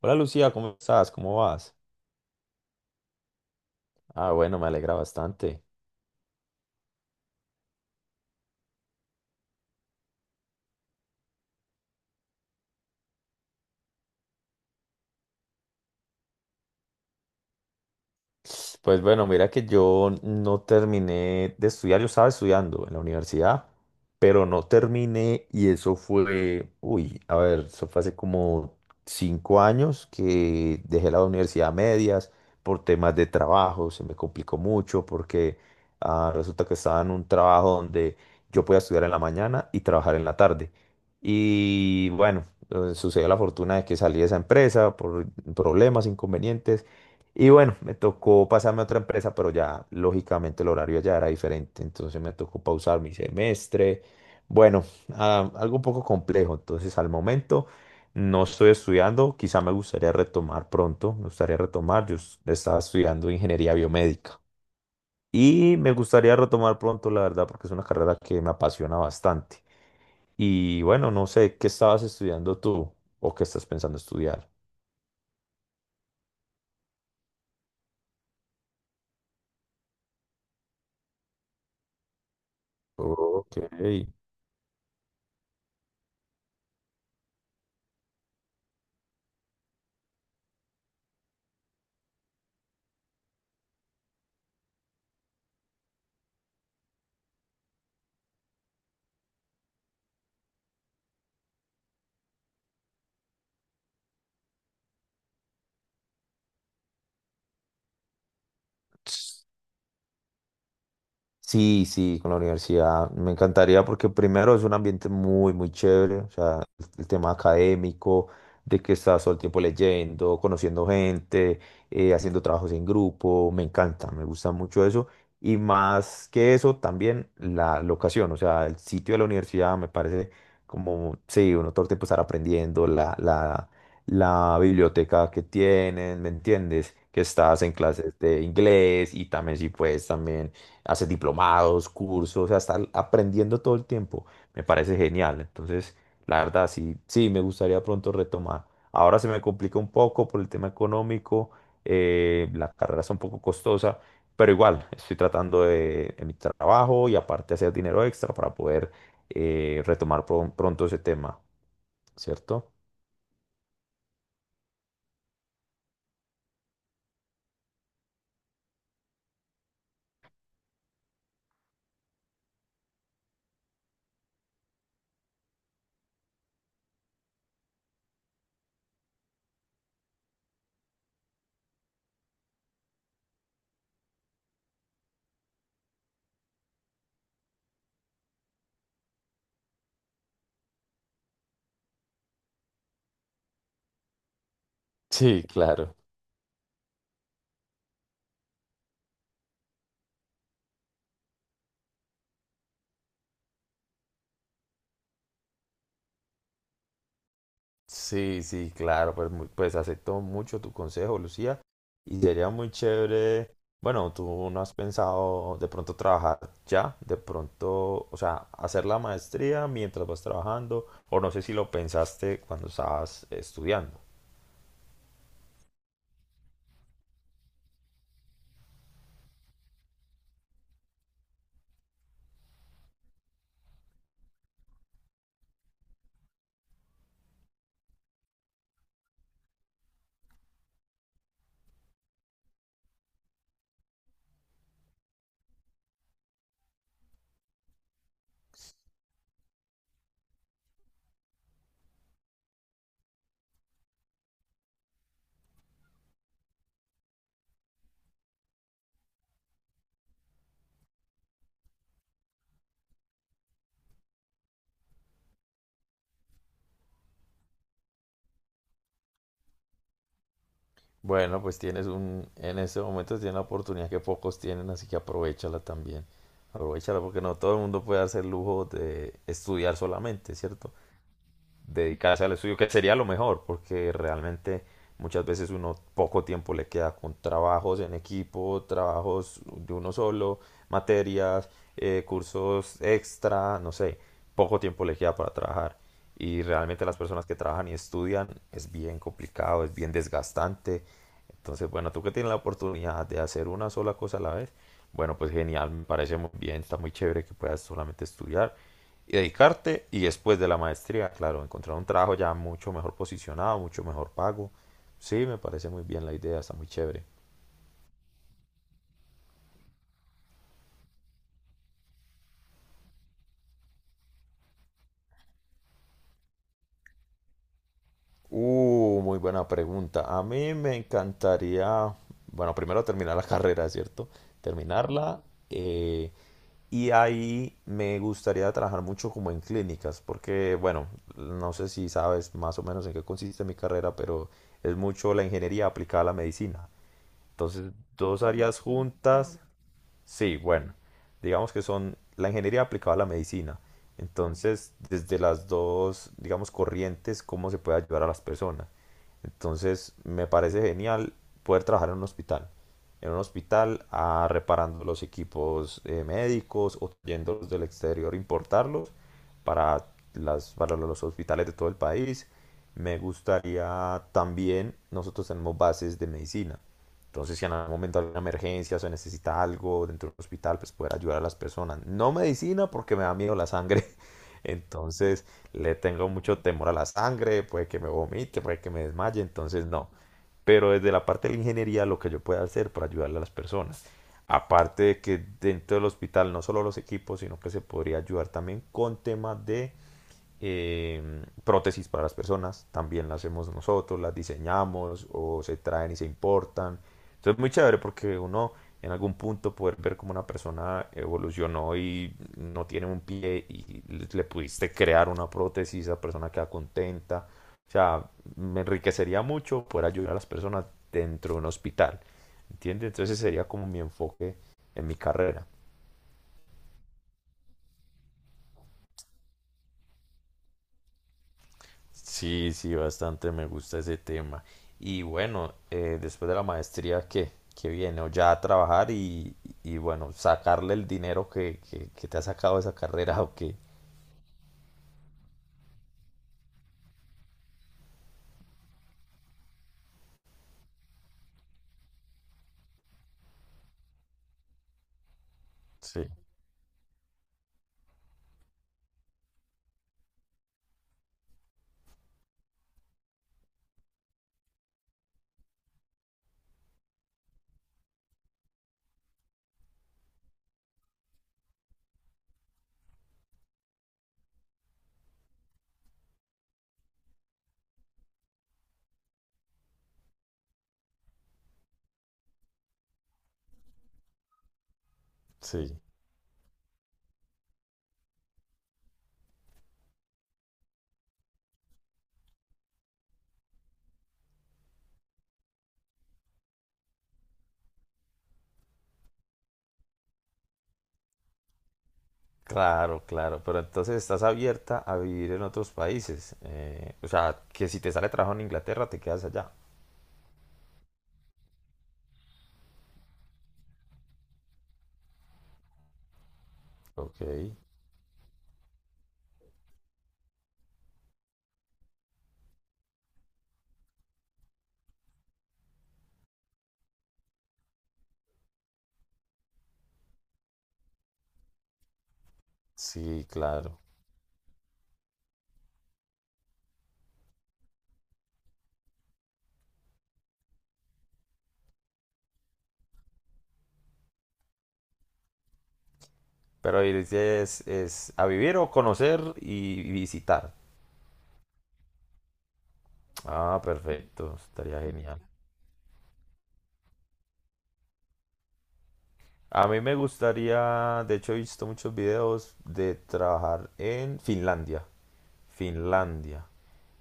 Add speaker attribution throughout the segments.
Speaker 1: Hola Lucía, ¿cómo estás? ¿Cómo vas? Ah, bueno, me alegra bastante. Pues bueno, mira que yo no terminé de estudiar, yo estaba estudiando en la universidad, pero no terminé y eso fue, uy, a ver, eso fue hace como 5 años que dejé la universidad a medias por temas de trabajo, se me complicó mucho porque resulta que estaba en un trabajo donde yo podía estudiar en la mañana y trabajar en la tarde. Y bueno, sucedió la fortuna de que salí de esa empresa por problemas, inconvenientes y bueno, me tocó pasarme a otra empresa, pero ya lógicamente el horario ya era diferente, entonces me tocó pausar mi semestre. Bueno, algo un poco complejo, entonces al momento no estoy estudiando, quizá me gustaría retomar pronto, me gustaría retomar, estaba estudiando ingeniería biomédica y me gustaría retomar pronto, la verdad, porque es una carrera que me apasiona bastante. Y bueno, no sé, ¿qué estabas estudiando tú o qué estás pensando estudiar? Ok. Sí, sí, con la universidad. Me encantaría porque primero es un ambiente muy, muy chévere, o sea, el tema académico, de que estás todo el tiempo leyendo, conociendo gente, haciendo trabajos en grupo, me encanta, me gusta mucho eso. Y más que eso, también la locación, o sea, el sitio de la universidad me parece como, sí, uno todo el tiempo estar aprendiendo, la biblioteca que tienen, ¿me entiendes? Que estás en clases de inglés y también sí puedes también haces diplomados, cursos, o sea, está aprendiendo todo el tiempo. Me parece genial. Entonces, la verdad, sí, sí, me gustaría pronto retomar. Ahora se me complica un poco por el tema económico, la carrera está un poco costosa, pero igual, estoy tratando de, en mi trabajo y aparte hacer dinero extra para poder retomar pronto ese tema, ¿cierto? Sí, claro. Sí, sí, claro, pues, pues acepto mucho tu consejo, Lucía, y sería muy chévere, bueno, tú no has pensado de pronto trabajar ya, de pronto, o sea, hacer la maestría mientras vas trabajando, o no sé si lo pensaste cuando estabas estudiando. Bueno, pues tienes un, en este momento tienes una oportunidad que pocos tienen, así que aprovechala también, aprovechala porque no todo el mundo puede hacer lujo de estudiar solamente, ¿cierto? Dedicarse al estudio, que sería lo mejor, porque realmente muchas veces uno poco tiempo le queda con trabajos en equipo, trabajos de uno solo, materias, cursos extra, no sé, poco tiempo le queda para trabajar. Y realmente las personas que trabajan y estudian es bien complicado, es bien desgastante. Entonces, bueno, tú que tienes la oportunidad de hacer una sola cosa a la vez, bueno, pues genial, me parece muy bien, está muy chévere que puedas solamente estudiar y dedicarte y después de la maestría, claro, encontrar un trabajo ya mucho mejor posicionado, mucho mejor pago. Sí, me parece muy bien la idea, está muy chévere. Muy buena pregunta. A mí me encantaría, bueno, primero terminar la carrera, ¿cierto? Terminarla. eh, Y ahí me gustaría trabajar mucho como en clínicas, porque bueno, no sé si sabes más o menos en qué consiste mi carrera, pero es mucho la ingeniería aplicada a la medicina. Entonces, dos áreas juntas. Sí, bueno, digamos que son la ingeniería aplicada a la medicina. Entonces, desde las dos, digamos, corrientes, cómo se puede ayudar a las personas. Entonces, me parece genial poder trabajar en un hospital. En un hospital, ah, reparando los equipos médicos o trayéndolos del exterior, importarlos para para los hospitales de todo el país. Me gustaría también, nosotros tenemos bases de medicina. Entonces, si en algún momento hay una emergencia o se necesita algo dentro del hospital, pues poder ayudar a las personas. No medicina porque me da miedo la sangre. Entonces, le tengo mucho temor a la sangre, puede que me vomite, puede que me desmaye, entonces no. Pero desde la parte de la ingeniería, lo que yo pueda hacer para ayudarle a las personas. Aparte de que dentro del hospital no solo los equipos, sino que se podría ayudar también con temas de prótesis para las personas, también las hacemos nosotros, las diseñamos o se traen y se importan. Entonces es muy chévere porque uno en algún punto poder ver cómo una persona evolucionó y no tiene un pie y le pudiste crear una prótesis, esa persona queda contenta. O sea, me enriquecería mucho poder ayudar a las personas dentro de un hospital. ¿Entiendes? Entonces ese sería como mi enfoque en mi carrera. Sí, sí, bastante me gusta ese tema. Y bueno, después de la maestría, ¿qué? ¿Qué viene? O ya a trabajar y bueno, sacarle el dinero que te ha sacado esa carrera o qué. Sí, sí. Claro, claro. Pero entonces estás abierta a vivir en otros países. O sea, que si te sale trabajo en Inglaterra, te quedas allá. Ok, sí, claro. ¿Pero y es a vivir o conocer y visitar? Ah, perfecto, estaría genial. A mí me gustaría, de hecho he visto muchos videos de trabajar en Finlandia. Finlandia.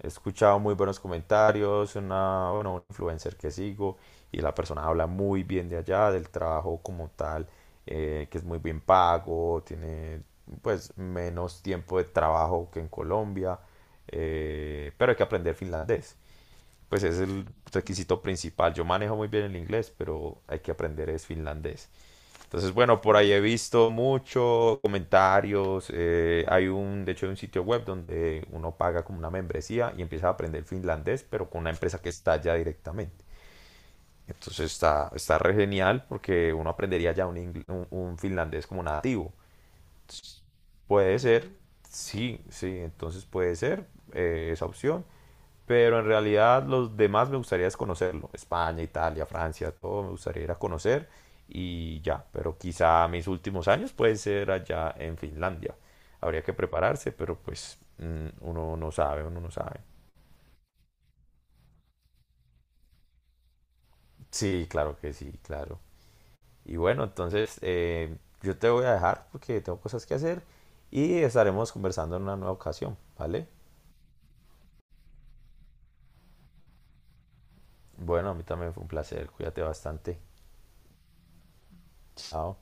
Speaker 1: He escuchado muy buenos comentarios, una, bueno, un influencer que sigo y la persona habla muy bien de allá, del trabajo como tal, que es muy bien pago, tiene pues menos tiempo de trabajo que en Colombia, pero hay que aprender finlandés pues es el requisito principal. Yo manejo muy bien el inglés, pero hay que aprender es finlandés. Entonces, bueno, por ahí he visto mucho comentarios. Hay un, de hecho, hay un sitio web donde uno paga como una membresía y empieza a aprender finlandés, pero con una empresa que está allá directamente. Entonces está, está re genial porque uno aprendería ya un, un finlandés como nativo. Puede ser, sí, sí, entonces puede ser esa opción, pero en realidad los demás me gustaría es conocerlo, España, Italia, Francia, todo me gustaría ir a conocer y ya, pero quizá mis últimos años pueden ser allá en Finlandia, habría que prepararse, pero pues uno no sabe, uno no sabe. Sí, claro que sí, claro. Y bueno, entonces yo te voy a dejar porque tengo cosas que hacer y estaremos conversando en una nueva ocasión, ¿vale? Bueno, a mí también fue un placer. Cuídate bastante. Chao.